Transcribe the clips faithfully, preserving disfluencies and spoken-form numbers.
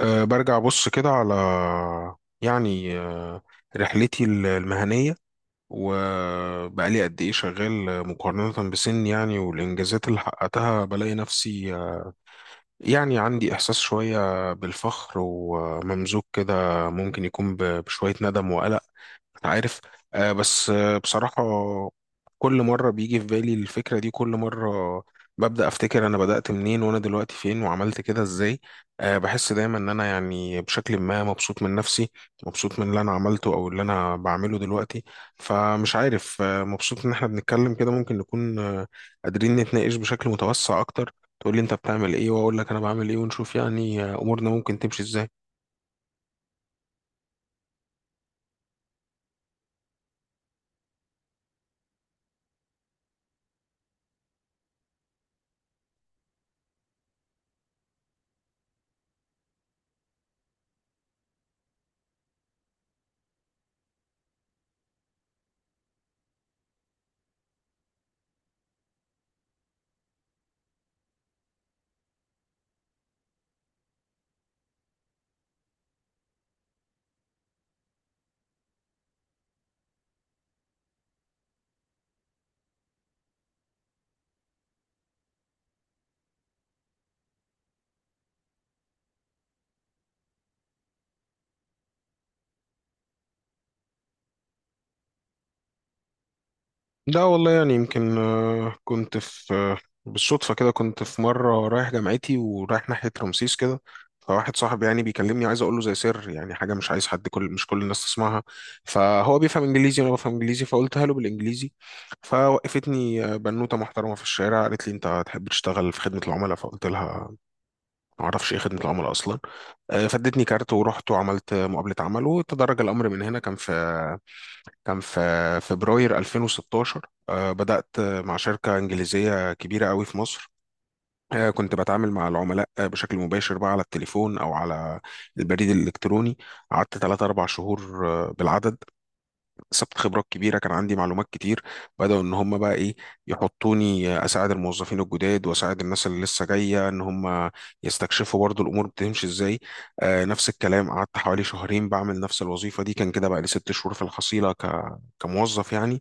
أه برجع أبص كده على يعني أه رحلتي المهنية، وبقى لي قد إيه شغال مقارنة بسن يعني والإنجازات اللي حققتها بلاقي نفسي آه، يعني عندي إحساس شوية بالفخر وممزوج كده، ممكن يكون ب- بشوية ندم وقلق. انت عارف آه بس آه بصراحة، كل مرة بيجي في بالي الفكرة دي، كل مرة ببدأ أفتكر أنا بدأت منين وأنا دلوقتي فين وعملت كده إزاي. آه بحس دايما إن أنا يعني بشكل ما مبسوط من نفسي، مبسوط من اللي أنا عملته أو اللي أنا بعمله دلوقتي. فمش عارف، آه مبسوط إن إحنا بنتكلم كده، ممكن نكون آه قادرين نتناقش بشكل متوسع أكتر، تقول لي أنت بتعمل إيه وأقول لك أنا بعمل إيه ونشوف يعني آه أمورنا ممكن تمشي إزاي. لا والله، يعني يمكن آه، كنت في آه، بالصدفة كده كنت في مرة رايح جامعتي ورايح ناحية رمسيس كده، فواحد صاحبي يعني بيكلمني عايز اقول له زي سر، يعني حاجة مش عايز حد كل مش كل الناس تسمعها. فهو بيفهم انجليزي وانا بفهم انجليزي فقلتها له بالانجليزي. فوقفتني آه، بنوتة محترمة في الشارع قالت لي انت تحب تشتغل في خدمة العملاء؟ فقلت لها ما اعرفش ايه خدمة العملاء اصلا. آه، فادتني كارت ورحت وعملت مقابلة عمل وتدرج الامر من هنا. كان في كان في فبراير ألفين وستاشر آه، بدأت آه، مع شركة إنجليزية كبيرة قوي في مصر. آه، كنت بتعامل مع العملاء آه، بشكل مباشر بقى على التليفون أو على البريد الإلكتروني. قعدت ثلاثة اربع شهور آه، بالعدد. اكتسبت خبرات كبيره، كان عندي معلومات كتير. بداوا ان هم بقى ايه، يحطوني اساعد الموظفين الجداد واساعد الناس اللي لسه جايه ان هم يستكشفوا برضو الامور بتمشي ازاي. آه نفس الكلام، قعدت حوالي شهرين بعمل نفس الوظيفه دي. كان كده بقى لي ست شهور في الحصيله ك... كموظف يعني.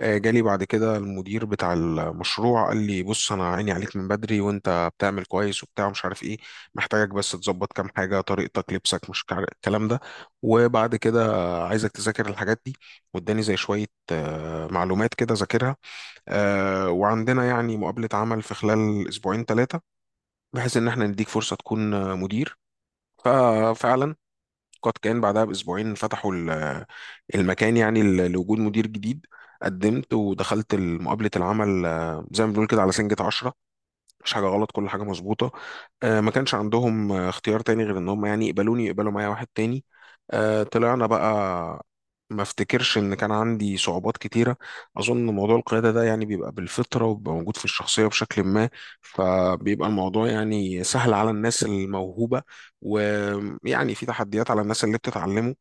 آه، جالي بعد كده المدير بتاع المشروع قال لي بص، انا عيني عليك من بدري وانت بتعمل كويس وبتاع مش عارف ايه، محتاجك بس تظبط كام حاجه، طريقتك، لبسك، مش كع- الكلام ده. وبعد كده عايزك تذاكر الحاجات دي. واداني زي شويه آه، معلومات كده ذاكرها. آه، وعندنا يعني مقابله عمل في خلال اسبوعين ثلاثه، بحيث ان احنا نديك فرصه تكون آه، مدير. ففعلا قد كان، بعدها بأسبوعين فتحوا ال- المكان يعني ل- لوجود مدير جديد. قدمت ودخلت مقابلة العمل آه، زي ما بنقول كده على سنجة عشرة، مش حاجه غلط، كل حاجه مظبوطه. آه، ما كانش عندهم آه، اختيار تاني غير ان هم يعني يقبلوني، يقبلوا معايا واحد تاني. آه، طلعنا بقى. ما افتكرش ان كان عندي صعوبات كتيره. اظن موضوع القياده ده يعني بيبقى بالفطره وبيبقى موجود في الشخصيه بشكل ما، فبيبقى الموضوع يعني سهل على الناس الموهوبه، ويعني في تحديات على الناس اللي بتتعلمه.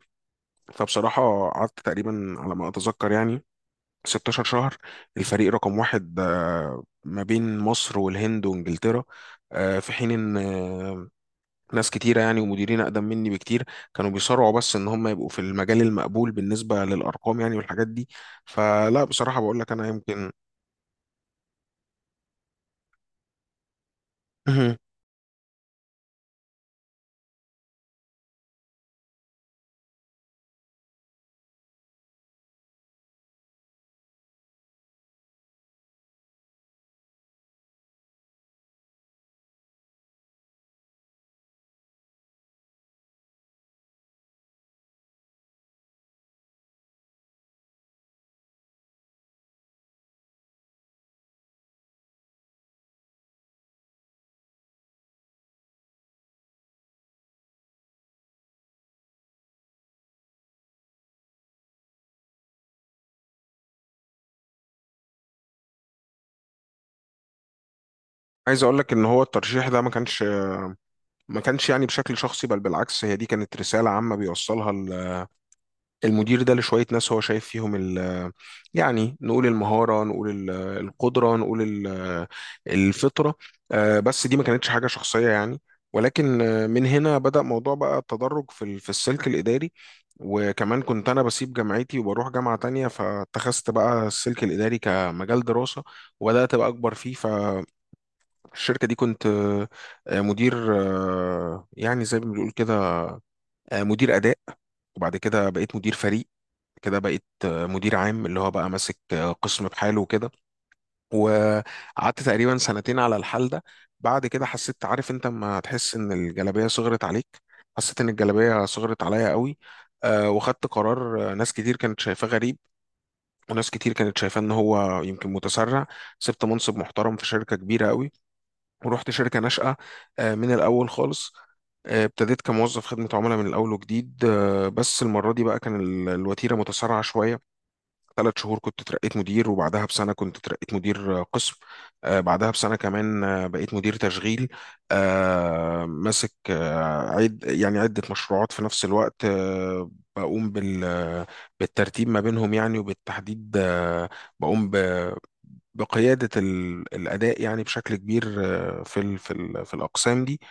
فبصراحه قعدت تقريبا على ما اتذكر يعني ستاشر شهر الفريق رقم واحد آه، ما بين مصر والهند وانجلترا آه، في حين ان آه، ناس كتيره يعني ومديرين اقدم مني بكتير كانوا بيصارعوا بس ان هم يبقوا في المجال المقبول بالنسبه للارقام يعني والحاجات دي. فلا بصراحه بقول لك انا يمكن مهم. عايز اقول لك ان هو الترشيح ده ما كانش، ما كانش يعني بشكل شخصي، بل بالعكس هي دي كانت رساله عامه بيوصلها المدير ده لشوية ناس هو شايف فيهم ال، يعني نقول المهارة، نقول ال- القدرة، نقول ال- الفطرة. آه، بس دي ما كانتش حاجة شخصية يعني. ولكن آه، من هنا بدأ موضوع بقى التدرج في ال- في السلك الإداري. وكمان كنت أنا بسيب جامعتي وبروح جامعة تانية، فاتخذت بقى السلك الإداري كمجال دراسة وبدأت بقى أكبر فيه. فالشركة دي كنت آه، مدير آه، يعني زي ما بنقول كده آه، مدير أداء. وبعد كده بقيت مدير فريق، كده بقيت آه، مدير عام، اللي هو بقى ماسك آه، قسم بحاله وكده. وقعدت تقريبا سنتين على الحال ده. بعد كده حسيت، عارف انت لما تحس ان الجلابية صغرت عليك؟ حسيت ان الجلابية صغرت عليا قوي. آه، وخدت قرار. آه، ناس كتير كانت شايفاه غريب، وناس كتير كانت شايفاه ان هو يمكن متسرع. سبت منصب محترم في شركة كبيرة قوي ورحت شركة ناشئة. آه، من الاول خالص. آه، ابتديت كموظف خدمة عملاء من الأول وجديد. آه، بس المرة دي بقى كان ال- الوتيرة متسارعة شوية. ثلاث شهور كنت اترقيت مدير، وبعدها بسنة كنت اترقيت مدير آه، قسم. آه، بعدها بسنة كمان آه، بقيت مدير تشغيل آه، ماسك آه، عد يعني عدة مشروعات في نفس الوقت. آه، بقوم بال بالترتيب ما بينهم يعني، وبالتحديد آه، بقوم ب- بقيادة ال- الأداء يعني بشكل كبير آه، في ال في ال في الأقسام دي.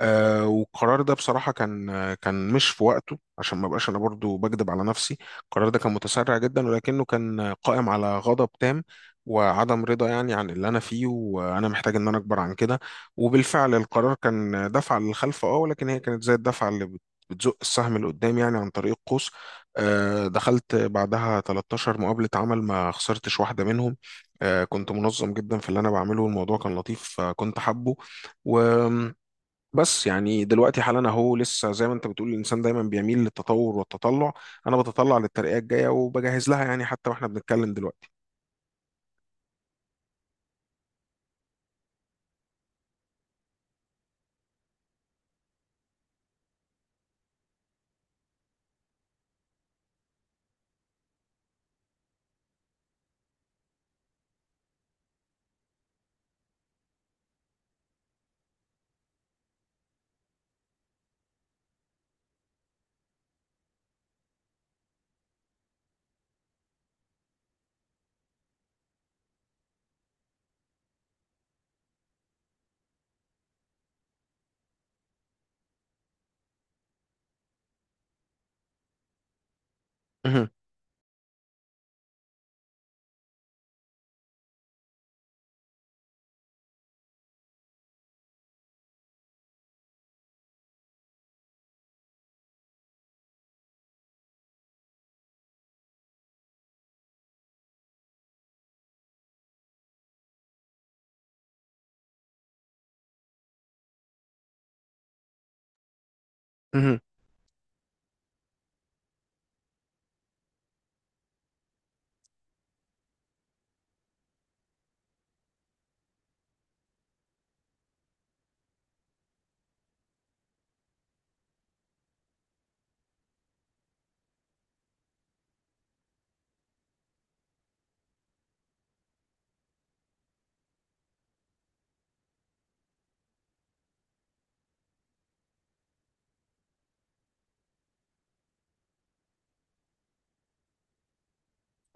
آه، والقرار ده بصراحة كان آه، كان مش في وقته، عشان ما بقاش أنا برضو بكذب على نفسي. القرار ده كان متسرع جدا ولكنه كان قائم على غضب تام وعدم رضا يعني عن اللي انا فيه، وانا محتاج ان انا اكبر عن كده. وبالفعل القرار كان دفعة للخلف، اه، ولكن هي كانت زي الدفعة اللي بت- بتزق السهم لقدام يعني عن طريق القوس. آه، دخلت بعدها تلتاشر مقابلة عمل ما خسرتش واحدة منهم. آه، كنت منظم جدا في اللي انا بعمله والموضوع كان لطيف. آه، كنت حابه و... بس يعني دلوقتي حالا اهو لسه زي ما انت بتقول، الانسان دايما بيميل للتطور والتطلع. انا بتطلع للترقية الجاية وبجهز لها يعني، حتى واحنا بنتكلم دلوقتي. مهم. مهم.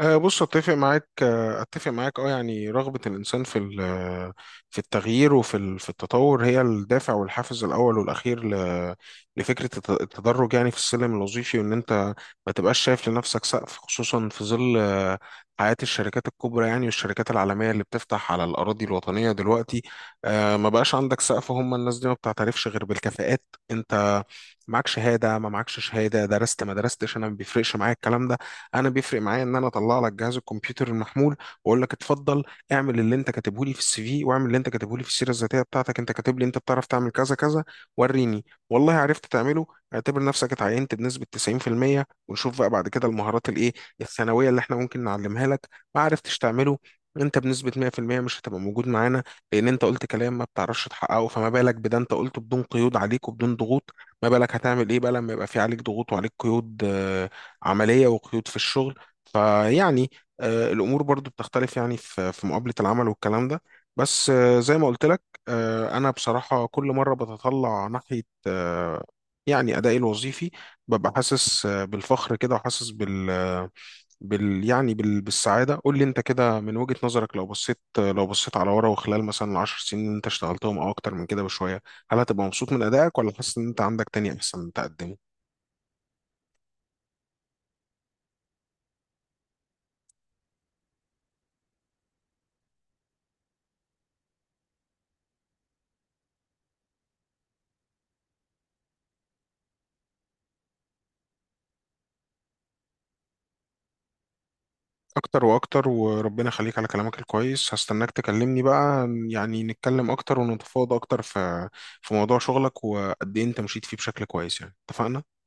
أه بص، اتفق معاك آه، اتفق معاك، اه يعني رغبة الانسان في ال- في التغيير وفي ال- في التطور هي الدافع والحافز الاول والاخير ل- لفكرة الت- التدرج يعني في السلم الوظيفي، وان انت ما تبقاش شايف لنفسك سقف، خصوصا في ظل آه، حياة الشركات الكبرى يعني والشركات العالمية اللي بتفتح على الأراضي الوطنية دلوقتي. أه ما بقاش عندك سقف، هم الناس دي ما بتعترفش غير بالكفاءات. انت معاك شهادة، ما معكش شهادة، درست، ما درستش، أنا ما بيفرقش معايا الكلام ده. انا بيفرق معايا ان انا اطلع لك جهاز الكمبيوتر المحمول واقول لك اتفضل، اعمل اللي انت كاتبه لي في السي في، واعمل اللي انت كاتبه لي في السيره الذاتيه بتاعتك. انت كاتب لي انت بتعرف تعمل كذا كذا، وريني. والله عرفت تعمله، اعتبر نفسك اتعينت بنسبه تسعين في المية ونشوف بقى بعد كده المهارات الايه الثانويه اللي احنا ممكن نعلمها لك. ما عرفتش تعمله، انت بنسبة مئة في المئة مش هتبقى موجود معانا. لان انت قلت كلام ما بتعرفش تحققه، فما بالك بده انت قلته بدون قيود عليك وبدون ضغوط. ما بالك هتعمل ايه بقى لما يبقى في عليك ضغوط وعليك قيود آه، عملية، وقيود في الشغل. فيعني آه، الأمور برضو بتختلف يعني في في مقابلة العمل والكلام ده. بس آه، زي ما قلت لك آه، أنا بصراحة كل مرة بتطلع ناحية آه، يعني أدائي الوظيفي ببقى حاسس آه، بالفخر كده، وحاسس بال آه، بال يعني بال... بالسعادة. قول لي انت كده من وجهة نظرك، لو بصيت آه، لو بصيت على ورا وخلال مثلا العشر سنين اللي انت اشتغلتهم او اكتر من كده بشوية، هل هتبقى مبسوط من ادائك، ولا حاسس ان انت عندك تاني احسن تقدمه؟ اكتر واكتر، وربنا يخليك على كلامك الكويس. هستناك تكلمني بقى يعني، نتكلم اكتر ونتفاوض اكتر في في موضوع شغلك وقد ايه انت مشيت فيه بشكل كويس يعني، اتفقنا.